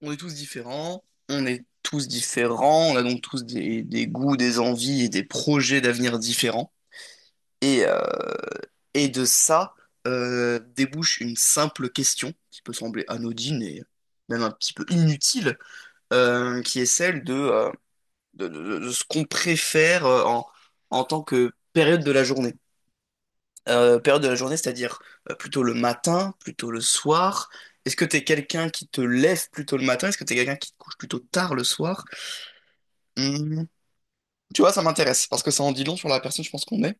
On est tous différents, on est tous différents, on a donc tous des goûts, des envies et des projets d'avenir différents. Et, euh, et de ça débouche une simple question qui peut sembler anodine et même un petit peu inutile, qui est celle de, de ce qu'on préfère en tant que période de la journée. Période de la journée, c'est-à-dire plutôt le matin, plutôt le soir. Est-ce que t'es quelqu'un qui te lève plutôt le matin? Est-ce que t'es quelqu'un qui te couche plutôt tard le soir? Hum, Tu vois, ça m'intéresse parce que ça en dit long sur la personne, je pense qu'on est.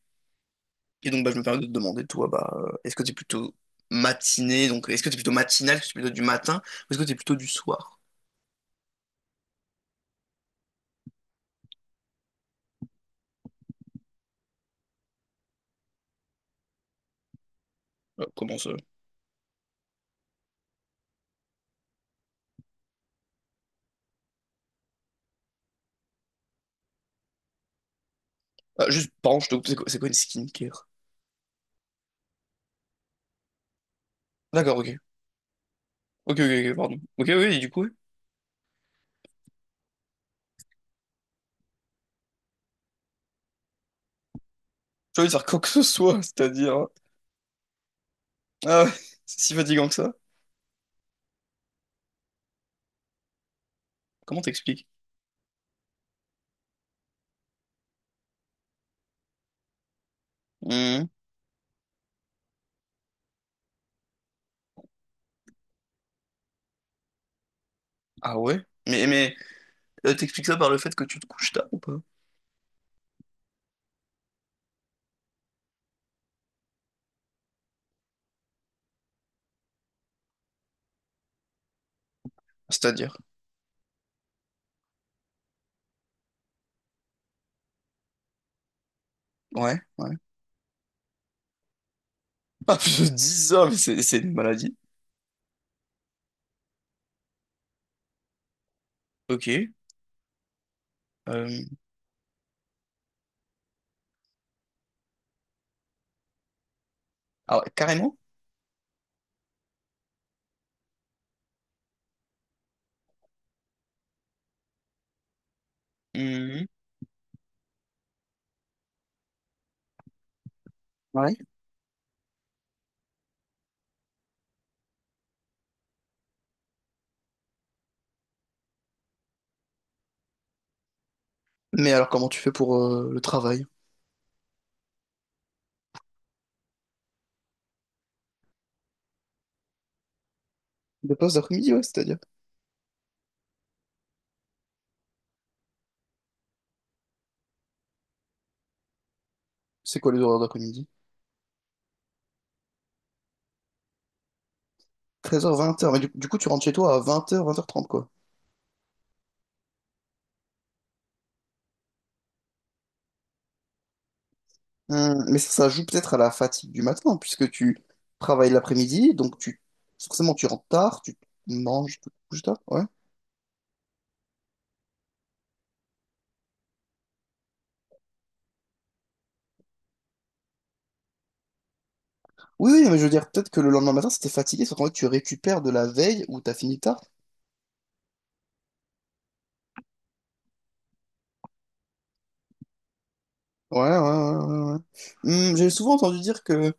Et donc, bah, je me permets de te demander, toi, bah, est-ce que t'es plutôt matinée, donc est-ce que t'es plutôt matinale, est-ce que t'es plutôt du matin, ou est-ce que t'es plutôt du soir? Comment ça? Ah, juste, pardon, je te coupe, c'est quoi une skincare? D'accord, ok. Ok, ok, ok, pardon. Ok, oui, et du coup, oui. J'ai envie de faire quoi que ce soit, c'est-à-dire, hein. Ah ouais, c'est si fatigant que ça. Comment t'expliques? Hum. Ah ouais? Mais t'expliques ça par le fait que tu te couches tard ou pas? C'est-à-dire? Ouais, ouais. Ah, je dis ça, mais c'est une maladie. Ok. Euh, ah ouais, carrément? Mhm. Ouais. Mais alors, comment tu fais pour le travail? Des postes d'après-midi, ouais, c'est-à-dire. C'est quoi les horaires d'après-midi? Treize heures vingt heures. Mais du coup, tu rentres chez toi à vingt heures trente, quoi. Mais ça joue peut-être à la fatigue du matin, puisque tu travailles l'après-midi, donc tu, forcément, tu rentres tard, tu manges, tu te couches tard, ouais. Oui, oui, mais je veux dire, peut-être que le lendemain matin, c'était fatigué, sauf qu'en fait, tu récupères de la veille où t'as fini tard. Ouais, ouais, ouais, ouais. Ouais. J'ai souvent entendu dire que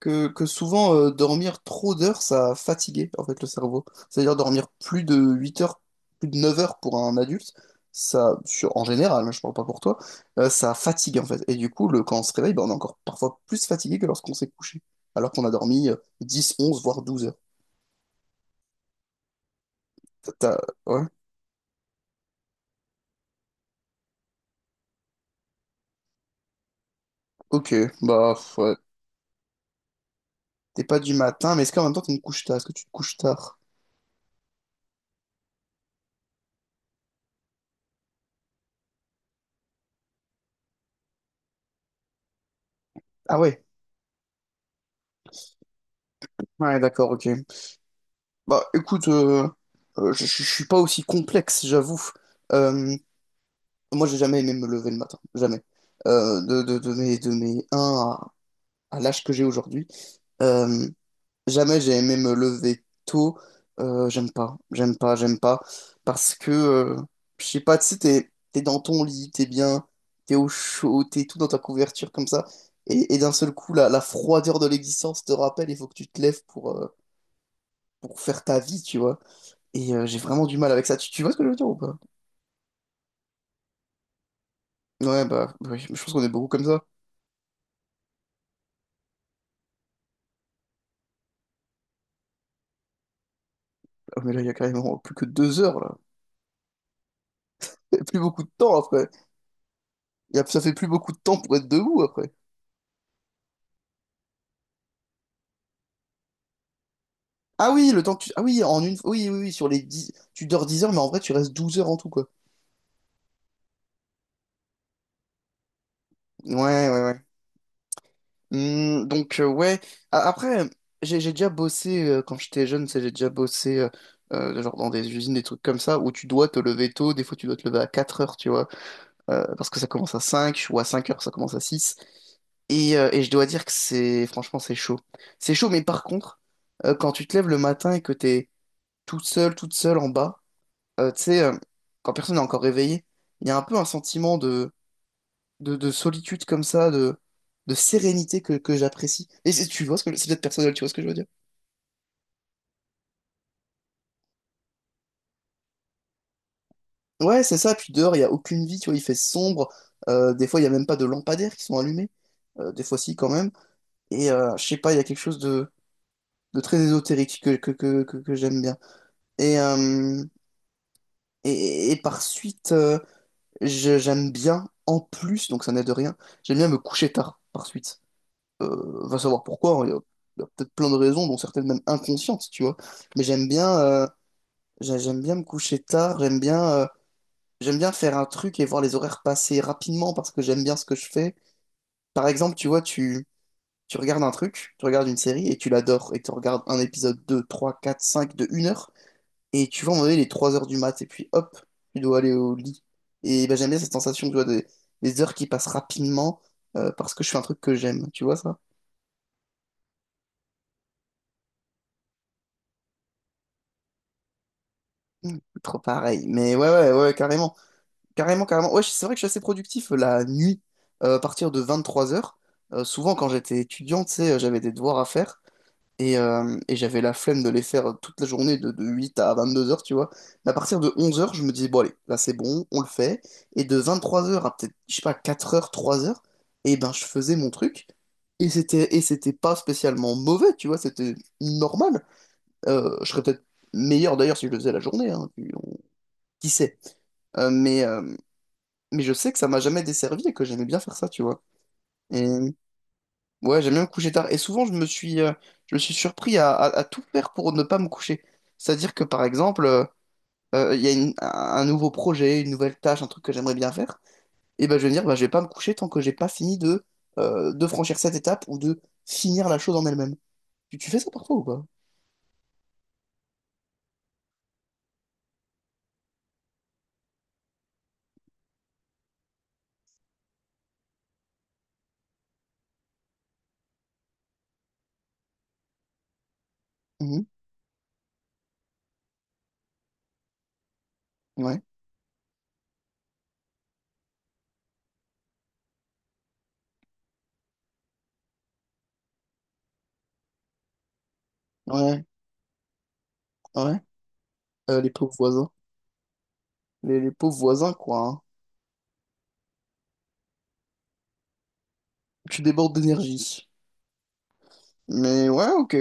que souvent dormir trop d'heures, ça fatiguait en fait le cerveau. C'est-à-dire dormir plus de 8 heures, plus de 9 heures pour un adulte, ça, en général, hein, je parle pas pour toi, ça fatigue en fait. Et du coup, quand on se réveille, ben, on est encore parfois plus fatigué que lorsqu'on s'est couché, alors qu'on a dormi 10, 11, voire 12 heures. T'as- t'as- Ouais, ok, bah pff, ouais. T'es pas du matin, mais est-ce qu'en même temps tu me couches tard? Est-ce que tu te couches tard? Ah ouais, ouais, d'accord, ok. Bah écoute, je suis pas aussi complexe, j'avoue. Euh, Moi, j'ai jamais aimé me lever le matin, jamais. De mes un à, l'âge que j'ai aujourd'hui, euh, jamais j'ai aimé me lever tôt. J'aime pas, j'aime pas, j'aime pas. Parce que, je sais pas, tu sais, t'es dans ton lit, t'es bien, t'es au chaud, t'es tout dans ta couverture comme ça. Et d'un seul coup, la froideur de l'existence te rappelle, il faut que tu te lèves pour faire ta vie, tu vois. Et j'ai vraiment du mal avec ça. Tu vois ce que je veux dire ou pas? Ouais, bah, bah oui, je pense qu'on est beaucoup comme ça. Ah, mais là, il y a carrément plus que 2 heures, là. Il y a plus beaucoup de temps après. Ça fait plus beaucoup de temps pour être debout après. Ah oui, le temps que tu. Ah oui, en une. Oui, oui, oui, sur les dix. Tu dors 10 heures, mais en vrai, tu restes 12 heures en tout, quoi. Ouais, ouais, ouais. Donc, ouais. Après, j'ai déjà bossé, quand j'étais jeune, j'ai déjà bossé, genre dans des usines, des trucs comme ça, où tu dois te lever tôt. Des fois, tu dois te lever à 4 heures, tu vois. Parce que ça commence à 5 ou à 5 heures, ça commence à six. Et je dois dire que c'est franchement c'est chaud. C'est chaud, mais par contre, quand tu te lèves le matin et que t'es tout seul, toute seule en bas, tu sais, quand personne n'est encore réveillé, il y a un peu un sentiment de solitude comme ça, de sérénité que j'apprécie. Et tu vois ce que c'est peut-être personnel, tu vois ce que je veux dire? Ouais, c'est ça, puis dehors, il n'y a aucune vie, tu vois, il fait sombre. Des fois, il n'y a même pas de lampadaires qui sont allumés. Des fois, si, quand même. Et je sais pas, il y a quelque chose de, très ésotérique que j'aime bien. Et, euh, et par suite, j'aime bien, en plus, donc ça n'aide rien, j'aime bien me coucher tard par suite. Va savoir pourquoi, hein, il y a peut-être plein de raisons, dont certaines même inconscientes, tu vois. Mais j'aime bien me coucher tard, j'aime bien faire un truc et voir les horaires passer rapidement parce que j'aime bien ce que je fais. Par exemple, tu vois, tu regardes un truc, tu regardes une série et tu l'adores et tu regardes un épisode 2 3 4 5 de 1 heure. Et tu vois, à un moment donné, il est 3 heures du mat, et puis hop, tu dois aller au lit. Et ben, j'aime bien cette sensation, tu vois, des heures qui passent rapidement parce que je fais un truc que j'aime, tu vois ça? Mm. Trop pareil. Mais ouais, ouais, ouais, carrément. Carrément, carrément. Ouais, c'est vrai que je suis assez productif la nuit, à partir de 23 heures. Souvent, quand j'étais étudiant, tu sais, j'avais des devoirs à faire. Et j'avais la flemme de les faire toute la journée de, 8 à 22 heures, tu vois. Mais à partir de 11 heures, je me disais, bon, allez, là c'est bon, on le fait. Et de 23 heures à peut-être, je sais pas, 4 heures, 3 heures, et ben je faisais mon truc. Et c'était pas spécialement mauvais, tu vois, c'était normal. Je serais peut-être meilleur d'ailleurs si je le faisais la journée, hein, puis qui sait. Euh, mais, euh, mais je sais que ça m'a jamais desservi et que j'aimais bien faire ça, tu vois. Et Ouais, j'aime bien me coucher tard. Et souvent, je me suis surpris à tout faire pour ne pas me coucher. C'est-à-dire que, par exemple, il y a un nouveau projet, une nouvelle tâche, un truc que j'aimerais bien faire. Et ben, je vais me dire, bah je vais pas me coucher tant que j'ai pas fini de franchir cette étape ou de finir la chose en elle-même. Tu fais ça parfois ou pas? Mhm. Ouais, ouais, ouais. Les pauvres voisins. Les pauvres voisins, quoi, hein. Tu débordes d'énergie. Mais ouais, ok.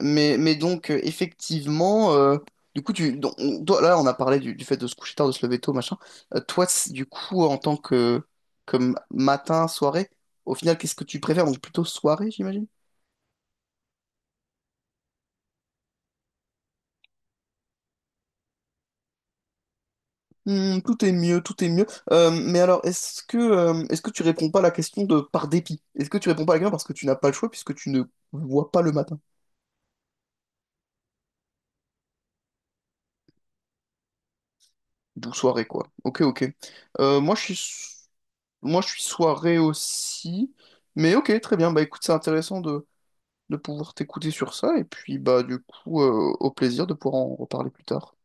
Mais donc, effectivement, du coup, toi, là, on a parlé du fait de se coucher tard, de se lever tôt, machin. Toi, du coup, en tant que comme matin, soirée, au final, qu'est-ce que tu préfères? Donc, plutôt soirée, j'imagine? Tout est mieux, tout est mieux. Mais alors, est-ce que tu réponds pas à la question de par dépit? Est-ce que tu réponds pas à la question parce que tu n'as pas le choix puisque tu ne vois pas le matin? D'où soirée, quoi. Ok, ok. Euh, moi, je suis, moi, je suis soirée aussi. Mais ok, très bien. Bah écoute, c'est intéressant de pouvoir t'écouter sur ça. Et puis, bah, du coup, au plaisir de pouvoir en reparler plus tard.